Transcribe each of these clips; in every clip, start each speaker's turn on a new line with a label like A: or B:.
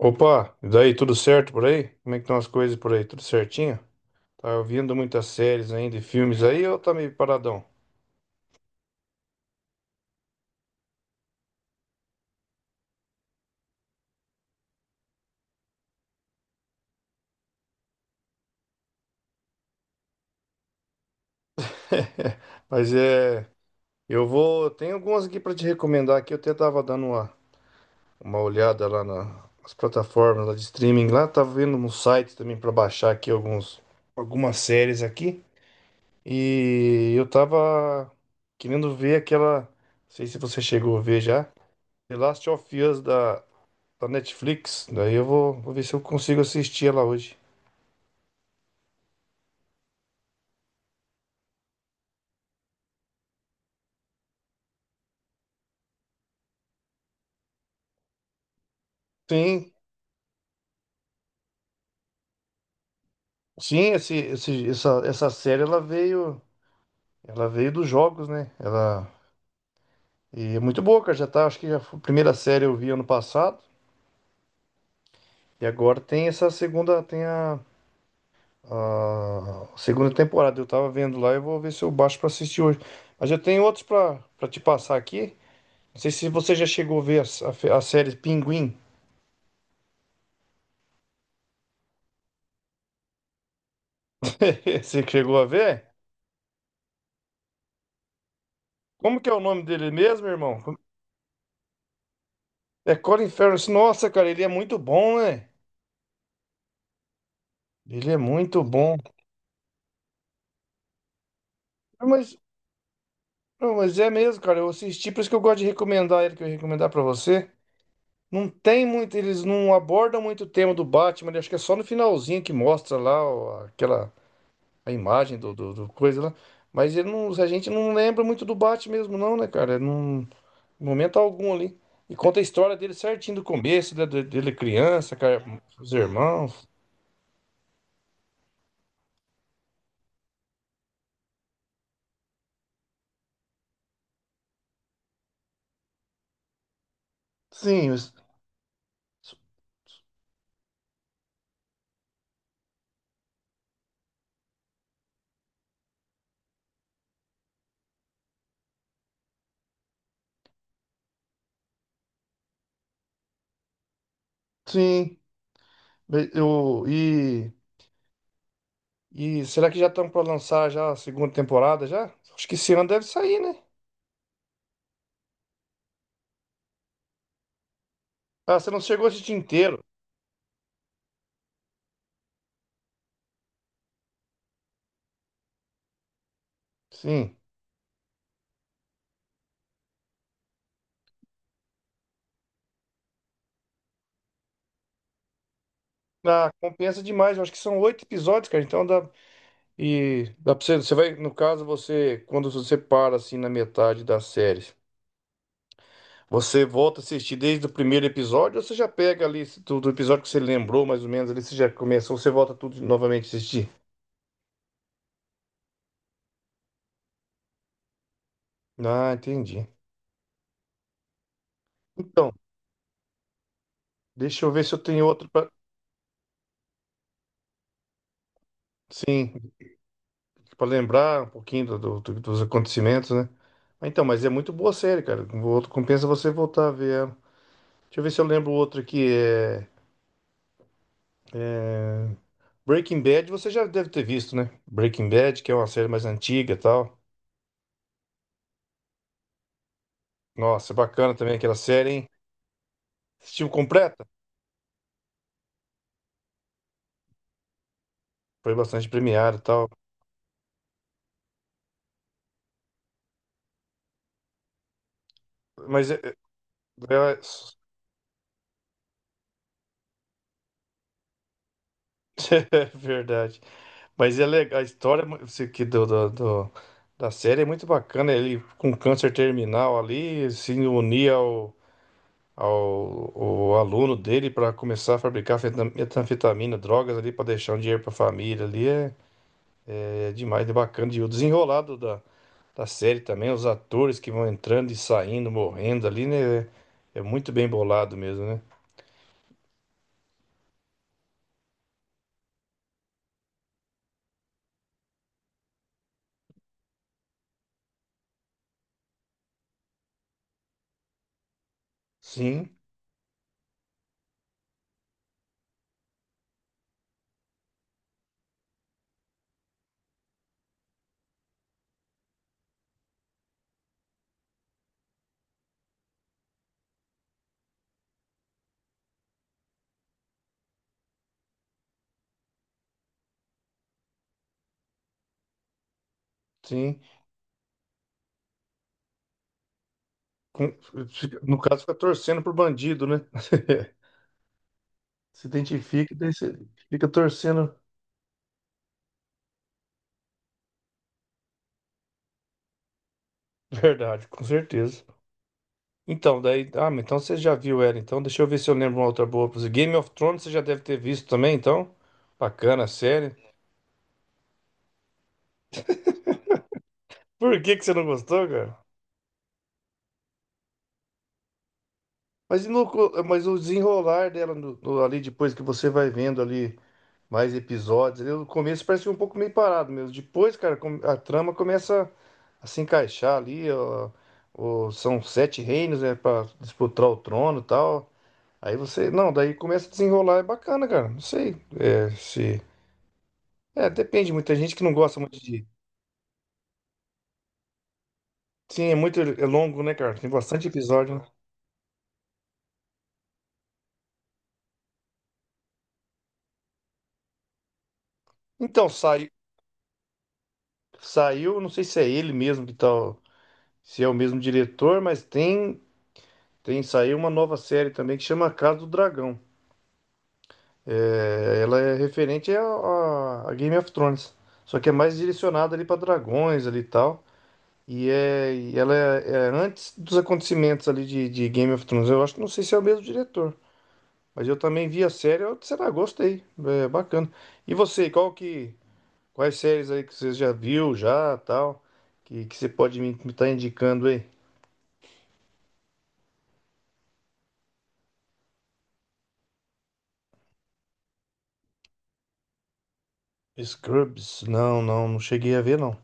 A: Opa, e daí, tudo certo por aí? Como é que estão as coisas por aí? Tudo certinho? Tá ouvindo muitas séries ainda e filmes aí ou tá meio paradão? Mas é, eu vou, tem algumas aqui pra te recomendar aqui, eu até tava dando uma olhada lá nas plataformas lá de streaming lá, tava vendo um site também pra baixar aqui alguns algumas séries aqui e eu tava querendo ver aquela, não sei se você chegou a ver já, The Last of Us da Netflix. Daí eu vou, vou ver se eu consigo assistir ela hoje. Sim, sim, essa série ela veio dos jogos, né? Ela e é muito boa, cara. Já tá, acho que já foi a primeira série eu vi ano passado e agora tem essa segunda, tem a segunda temporada. Eu tava vendo lá e eu vou ver se eu baixo pra assistir hoje. Mas eu tenho outros pra para te passar aqui. Não sei se você já chegou a ver a série Pinguim. Você que chegou a ver? Como que é o nome dele mesmo, irmão? É Colin Farrell. Nossa, cara, ele é muito bom, né? Ele é muito bom. Não, Mas, não, mas é mesmo, cara. Eu assisti, por isso que eu gosto de recomendar ele, que eu ia recomendar pra você. Não tem muito, eles não abordam muito o tema do Batman, né? Acho que é só no finalzinho que mostra lá ó, aquela a imagem do coisa lá. Mas ele não, a gente não lembra muito do Batman mesmo, não, né, cara? Não, em momento algum ali. E conta a história dele certinho do começo, né, dele criança, cara, os irmãos. Sim, os- sim. Be- e será que já estão para lançar já a segunda temporada já? Acho que esse ano deve sair, né? Ah, você não chegou a assistir inteiro. Sim. Ah, compensa demais. Eu acho que são 8 episódios, cara. Então dá. E dá pra você, você vai, no caso, você, quando você para assim na metade da série, você volta a assistir desde o primeiro episódio, ou você já pega ali se tu- do episódio que você lembrou, mais ou menos, ali você já começou, você volta tudo novamente a assistir. Ah, entendi. Então, deixa eu ver se eu tenho outro pra. Sim. Pra lembrar um pouquinho dos acontecimentos, né? Ah, então, mas é muito boa a série, cara. Com- outro- Compensa você voltar a ver ela. Deixa eu ver se eu lembro outro aqui. Breaking Bad, você já deve ter visto, né? Breaking Bad, que é uma série mais antiga e tal. Nossa, é bacana também aquela série, hein? Assistiu completa? Foi bastante premiada e tal. Mas é é verdade. Mas é legal. A história é mu- se- que da série é muito bacana. Ele com câncer terminal ali, se unir ao, o aluno dele para começar a fabricar feta- metanfetamina, drogas ali para deixar um dinheiro para a família ali é é demais, é bacana. E o desenrolado da, da série também, os atores que vão entrando e saindo, morrendo ali, né? É, é muito bem bolado mesmo, né? Sim, sim. Com- no caso, fica torcendo pro bandido, né? Se identifica, daí você fica torcendo. Verdade, com certeza. Então, daí. Ah, mas então você já viu ela. Então, deixa eu ver se eu lembro uma outra boa pra você. Game of Thrones você já deve ter visto também, então. Bacana a série. Por que que você não gostou, cara? Mas, e no co- mas o desenrolar dela ali, depois que você vai vendo ali mais episódios, ali, no começo parece um pouco meio parado mesmo. Depois, cara, com- a trama começa a se encaixar ali. Ó, ó, são 7 reinos, né, pra disputar o trono e tal. Aí você. Não, daí começa a desenrolar. É bacana, cara. Não sei é, se. É, depende, muita gente que não gosta muito de. Sim, é muito é longo, né, cara? Tem bastante episódio, né? Então, sai, saiu, não sei se é ele mesmo que tal, se é o mesmo diretor, mas tem, tem saiu uma nova série também que chama Casa do Dragão. É, ela é referente a, a Game of Thrones, só que é mais direcionada ali para dragões ali e tal. E, é, e ela é, é antes dos acontecimentos ali de Game of Thrones. Eu acho que não sei se é o mesmo diretor. Mas eu também vi a série, eu, sei gostei. É bacana. E você, qual que. Quais séries aí que você já viu, já, tal, que você pode me estar indicando aí? Scrubs? Não, não, não cheguei a ver, não.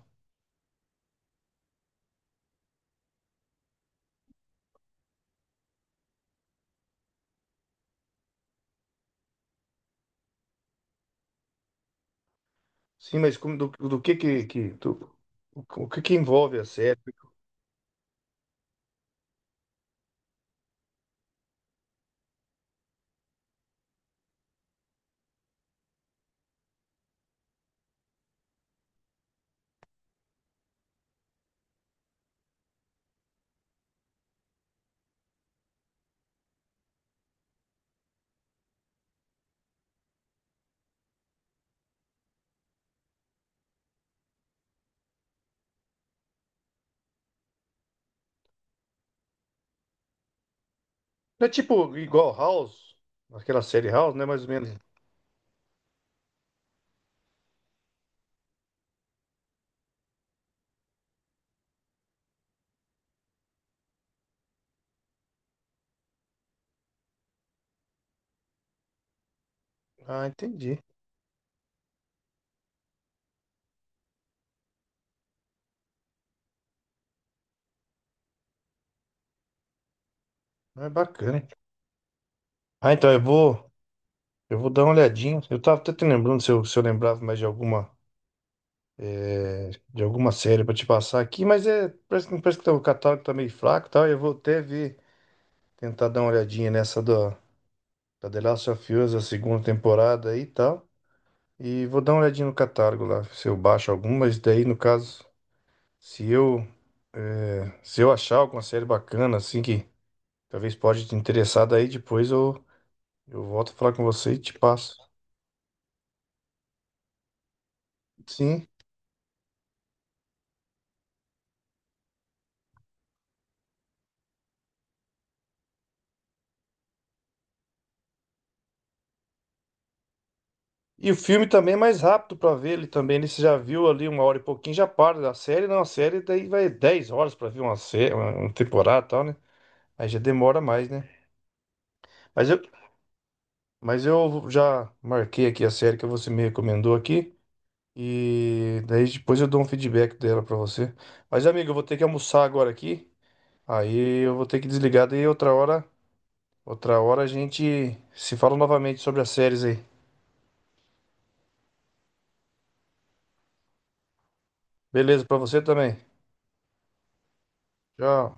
A: Sim, mas como, do, do que do- o que que envolve a série? É tipo igual House, aquela série House, né? Mais ou menos. Ah, entendi. É bacana. Ah, então eu vou dar uma olhadinha. Eu tava até te lembrando se eu, se eu lembrava mais de alguma de alguma série pra te passar aqui, mas é, parece que tá- o catálogo tá meio fraco e tal. Eu vou até ver, tentar dar uma olhadinha nessa do, da The Last of Us, a segunda temporada aí e tal. E vou dar uma olhadinha no catálogo lá, se eu baixo alguma, mas daí no caso, se eu, é, se eu achar alguma série bacana, assim, que talvez pode te interessar, daí depois eu volto a falar com você e te passo. Sim. E o filme também é mais rápido pra ver ele também. Ele você já viu ali uma hora e pouquinho, já para da série. Não, a série daí vai 10 horas pra ver uma série, uma temporada e tal, né? Aí já demora mais, né? Mas eu, mas eu já marquei aqui a série que você me recomendou aqui. E daí depois eu dou um feedback dela pra você. Mas, amigo, eu vou ter que almoçar agora aqui. Aí eu vou ter que desligar. Daí outra hora a gente se fala novamente sobre as séries aí. Beleza, pra você também. Tchau.